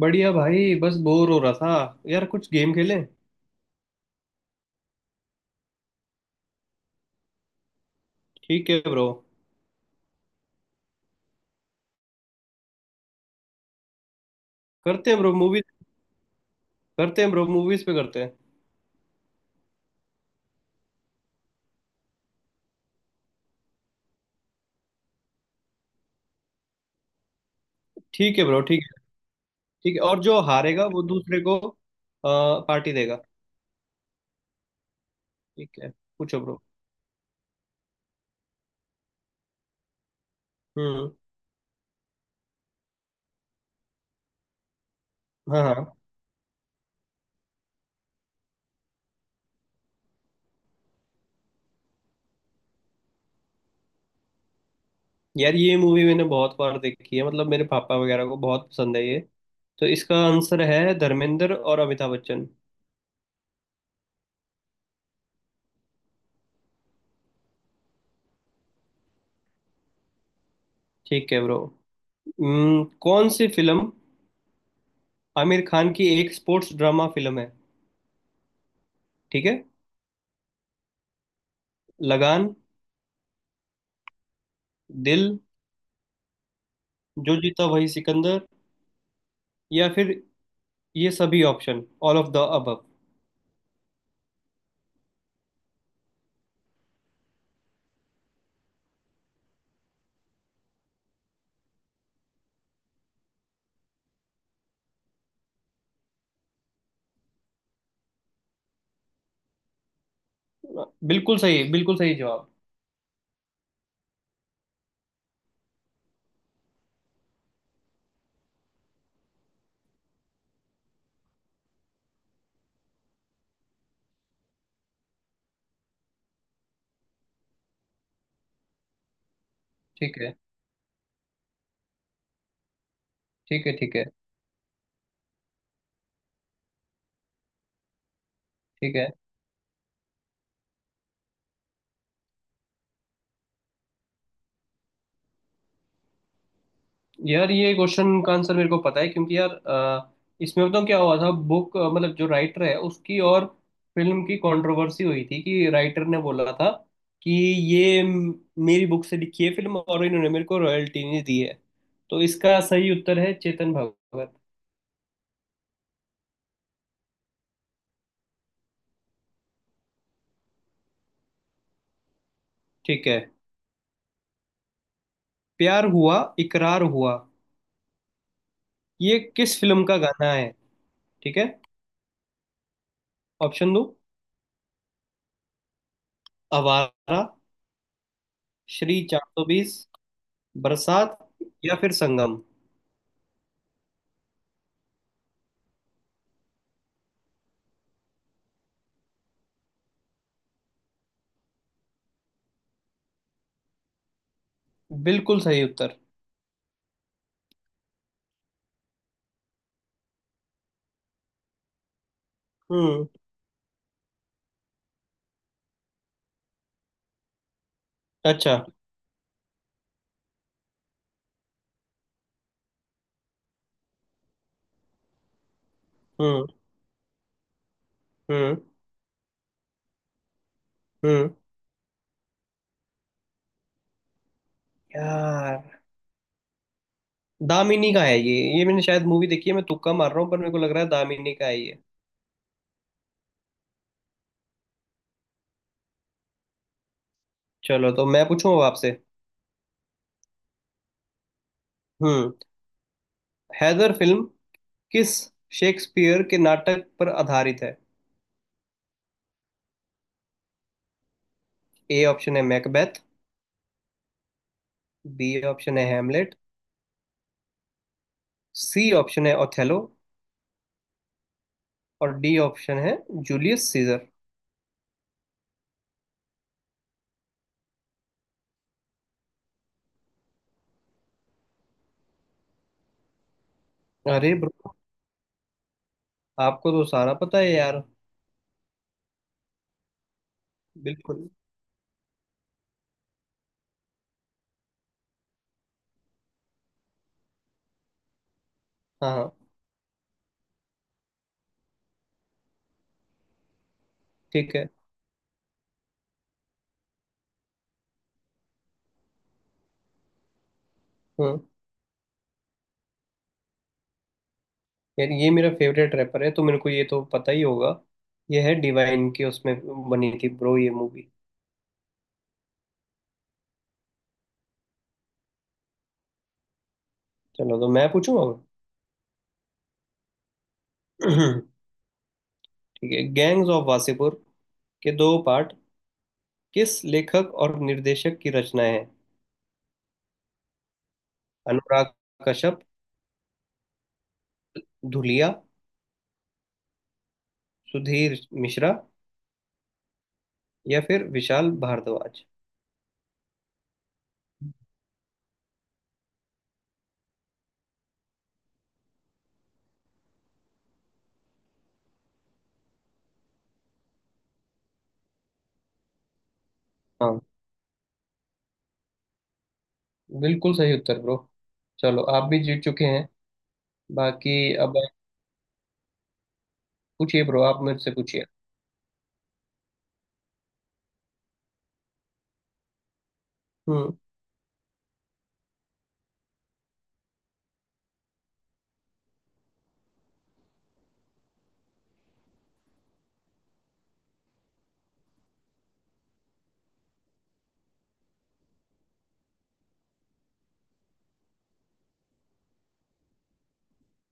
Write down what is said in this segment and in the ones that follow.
बढ़िया भाई बस बोर हो रहा था यार कुछ गेम खेलें। ठीक है ब्रो। करते हैं ब्रो मूवीज। करते हैं ब्रो मूवीज पे करते हैं। ठीक है ब्रो ठीक है। ठीक है और जो हारेगा वो दूसरे को पार्टी देगा। ठीक है। पूछो ब्रो। हम्म। हाँ हाँ। यार ये मूवी मैंने बहुत बार देखी है मतलब मेरे पापा वगैरह को बहुत पसंद है ये। तो इसका आंसर है धर्मेंद्र और अमिताभ बच्चन। ठीक है ब्रो। कौन सी फिल्म आमिर खान की एक स्पोर्ट्स ड्रामा फिल्म है। ठीक है। लगान। दिल। जो जीता वही सिकंदर। या फिर ये सभी option all of the above. बिल्कुल सही जवाब। ठीक है ठीक है ठीक है ठीक है। यार ये क्वेश्चन का आंसर मेरे को पता है क्योंकि यार इसमें बताऊँ क्या हुआ था बुक मतलब जो राइटर है उसकी और फिल्म की कंट्रोवर्सी हुई थी कि राइटर ने बोला था कि ये म- मेरी बुक से लिखी है फिल्म और इन्होंने मेरे को रॉयल्टी नहीं दी है। तो इसका सही उत्तर है चेतन भगत। ठीक है। प्यार हुआ इकरार हुआ ये किस फिल्म का गाना है। ठीक है। ऑप्शन दो। आवारा। श्री 420। बरसात या फिर संगम। बिल्कुल सही उत्तर। हम्म। अच्छा। हम्म हम्म हम्म। यार दामिनी का है ये। ये मैंने शायद मूवी देखी है मैं तुक्का मार रहा हूँ पर मेरे को लग रहा है दामिनी का है ये। चलो तो मैं पूछूं अब आपसे। हम्म। हैदर फिल्म किस शेक्सपियर के नाटक पर आधारित है। ए ऑप्शन है मैकबेथ। बी ऑप्शन है हेमलेट। सी ऑप्शन है ओथेलो। और डी ऑप्शन है जूलियस सीजर। अरे ब्रो आपको तो सारा पता है यार। बिल्कुल। हाँ हाँ। ठीक है। हम्म। यार ये मेरा फेवरेट रैपर है तो मेरे को ये तो पता ही होगा। ये है डिवाइन की उसमें बनी थी ब्रो ये मूवी। चलो तो मैं पूछूंगा अब? ठीक है गैंग्स ऑफ वासेपुर के दो पार्ट किस लेखक और निर्देशक की रचनाएं हैं। अनुराग कश्यप। धुलिया। सुधीर मिश्रा। या फिर विशाल भारद्वाज। हाँ बिल्कुल सही उत्तर ब्रो। चलो आप भी जीत चुके हैं। बाकी अब पूछिए ब्रो आप मुझसे पूछिए। हम्म।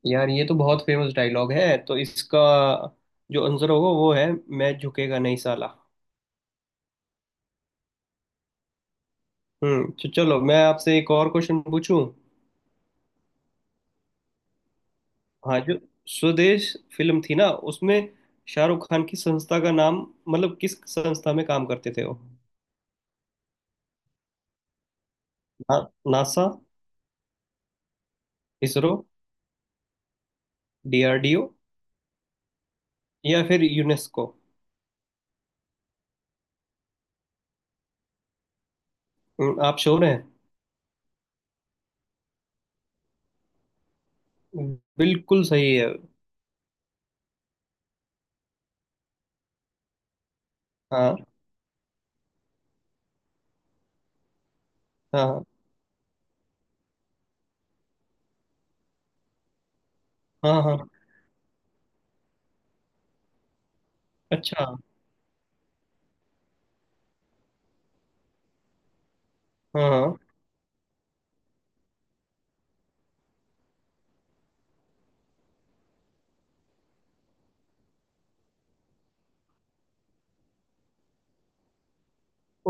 यार ये तो बहुत फेमस डायलॉग है तो इसका जो आंसर होगा वो है मैं झुकेगा नहीं साला। तो चलो मैं आपसे एक और क्वेश्चन पूछूं। हाँ जो स्वदेश फिल्म थी ना उसमें शाहरुख खान की संस्था का नाम मतलब किस संस्था में काम करते थे वो। ना, नासा इसरो डीआरडीओ या फिर यूनेस्को। आप श्योर हैं। बिल्कुल सही है। हाँ हाँ हाँ हाँ। अच्छा। हाँ।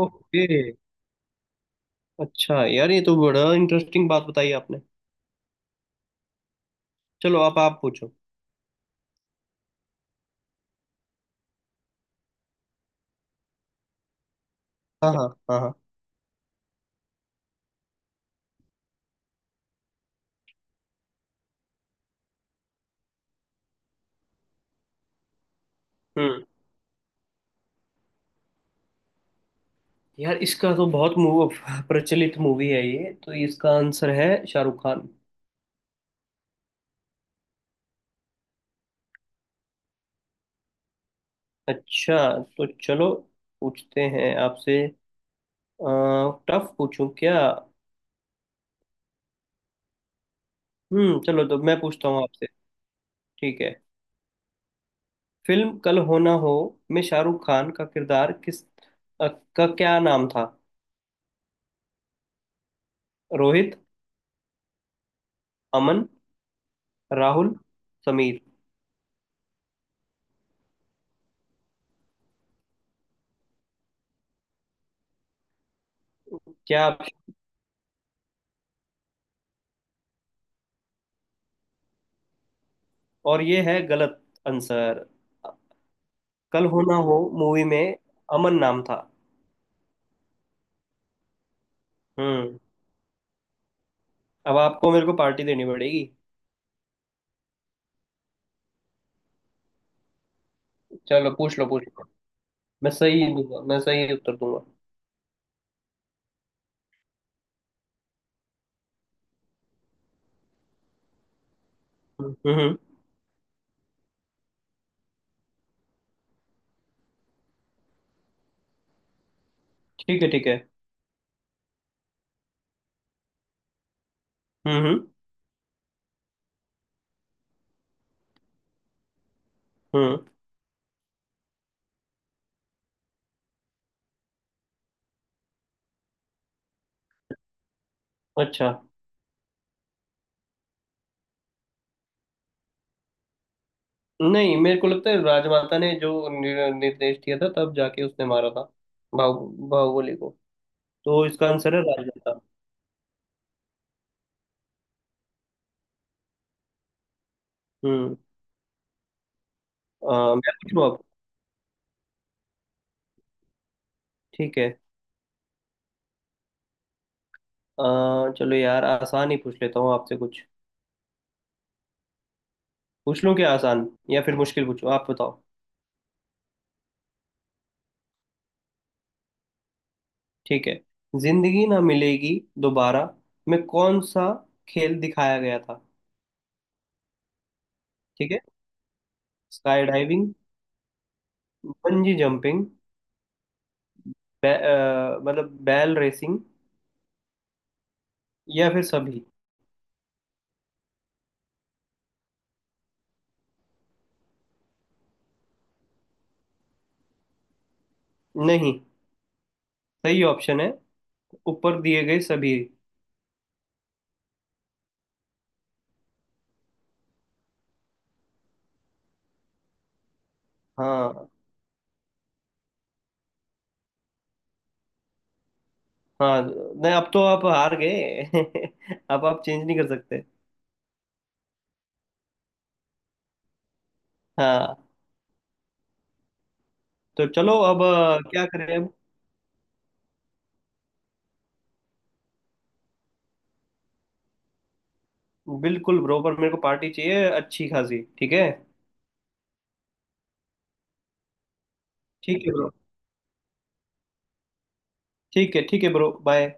ओके। अच्छा यार ये तो बड़ा इंटरेस्टिंग बात बताई आपने। चलो आप पूछो। हाँ हाँ हाँ हाँ। हम्म। यार इसका तो बहुत मूव प्रचलित मूवी है ये तो इसका आंसर है शाहरुख खान। अच्छा। तो चलो पूछते हैं आपसे। टफ पूछूं क्या। चलो तो मैं पूछता हूँ आपसे। ठीक है। फिल्म कल हो ना हो में शाहरुख खान का किरदार किस अ, का क्या नाम था। रोहित। अमन। राहुल। समीर। क्या आप। और ये है गलत आंसर। कल हो ना हो मूवी में अमन नाम था। हम्म। अब आपको मेरे को पार्टी देनी पड़ेगी। चलो पूछ लो पूछ लो। मैं सही दूंगा मैं सही उत्तर दूंगा। हम्म। ठीक है हम्म हम्म हम्म, अच्छा। नहीं मेरे को लगता है राजमाता ने जो निर्देश दिया था तब जाके उसने मारा था बाहुबली को। तो इसका आंसर है राजमाता। हम्म। मैं पूछूं अब। ठीक है। अ, चलो यार आसान ही पूछ लेता हूँ आपसे कुछ। पूछ लूँ क्या आसान या फिर मुश्किल पूछूं आप बताओ। ठीक है। जिंदगी ना मिलेगी दोबारा में कौन सा खेल दिखाया गया था। ठीक है। Sky diving. Bungee jumping. मतलब बैल रेसिंग। या फिर सभी। नहीं सही ऑप्शन है ऊपर दिए गए सभी। हाँ। हाँ नहीं अब तो आप हार गए। अब आप चेंज नहीं कर सकते। हाँ। तो चलो अब क्या करें अब। बिल्कुल ब्रो पर मेरे को पार्टी चाहिए अच्छी खासी ठीक है। ठीक है ब्रो। ठीक है ब्रो बाय।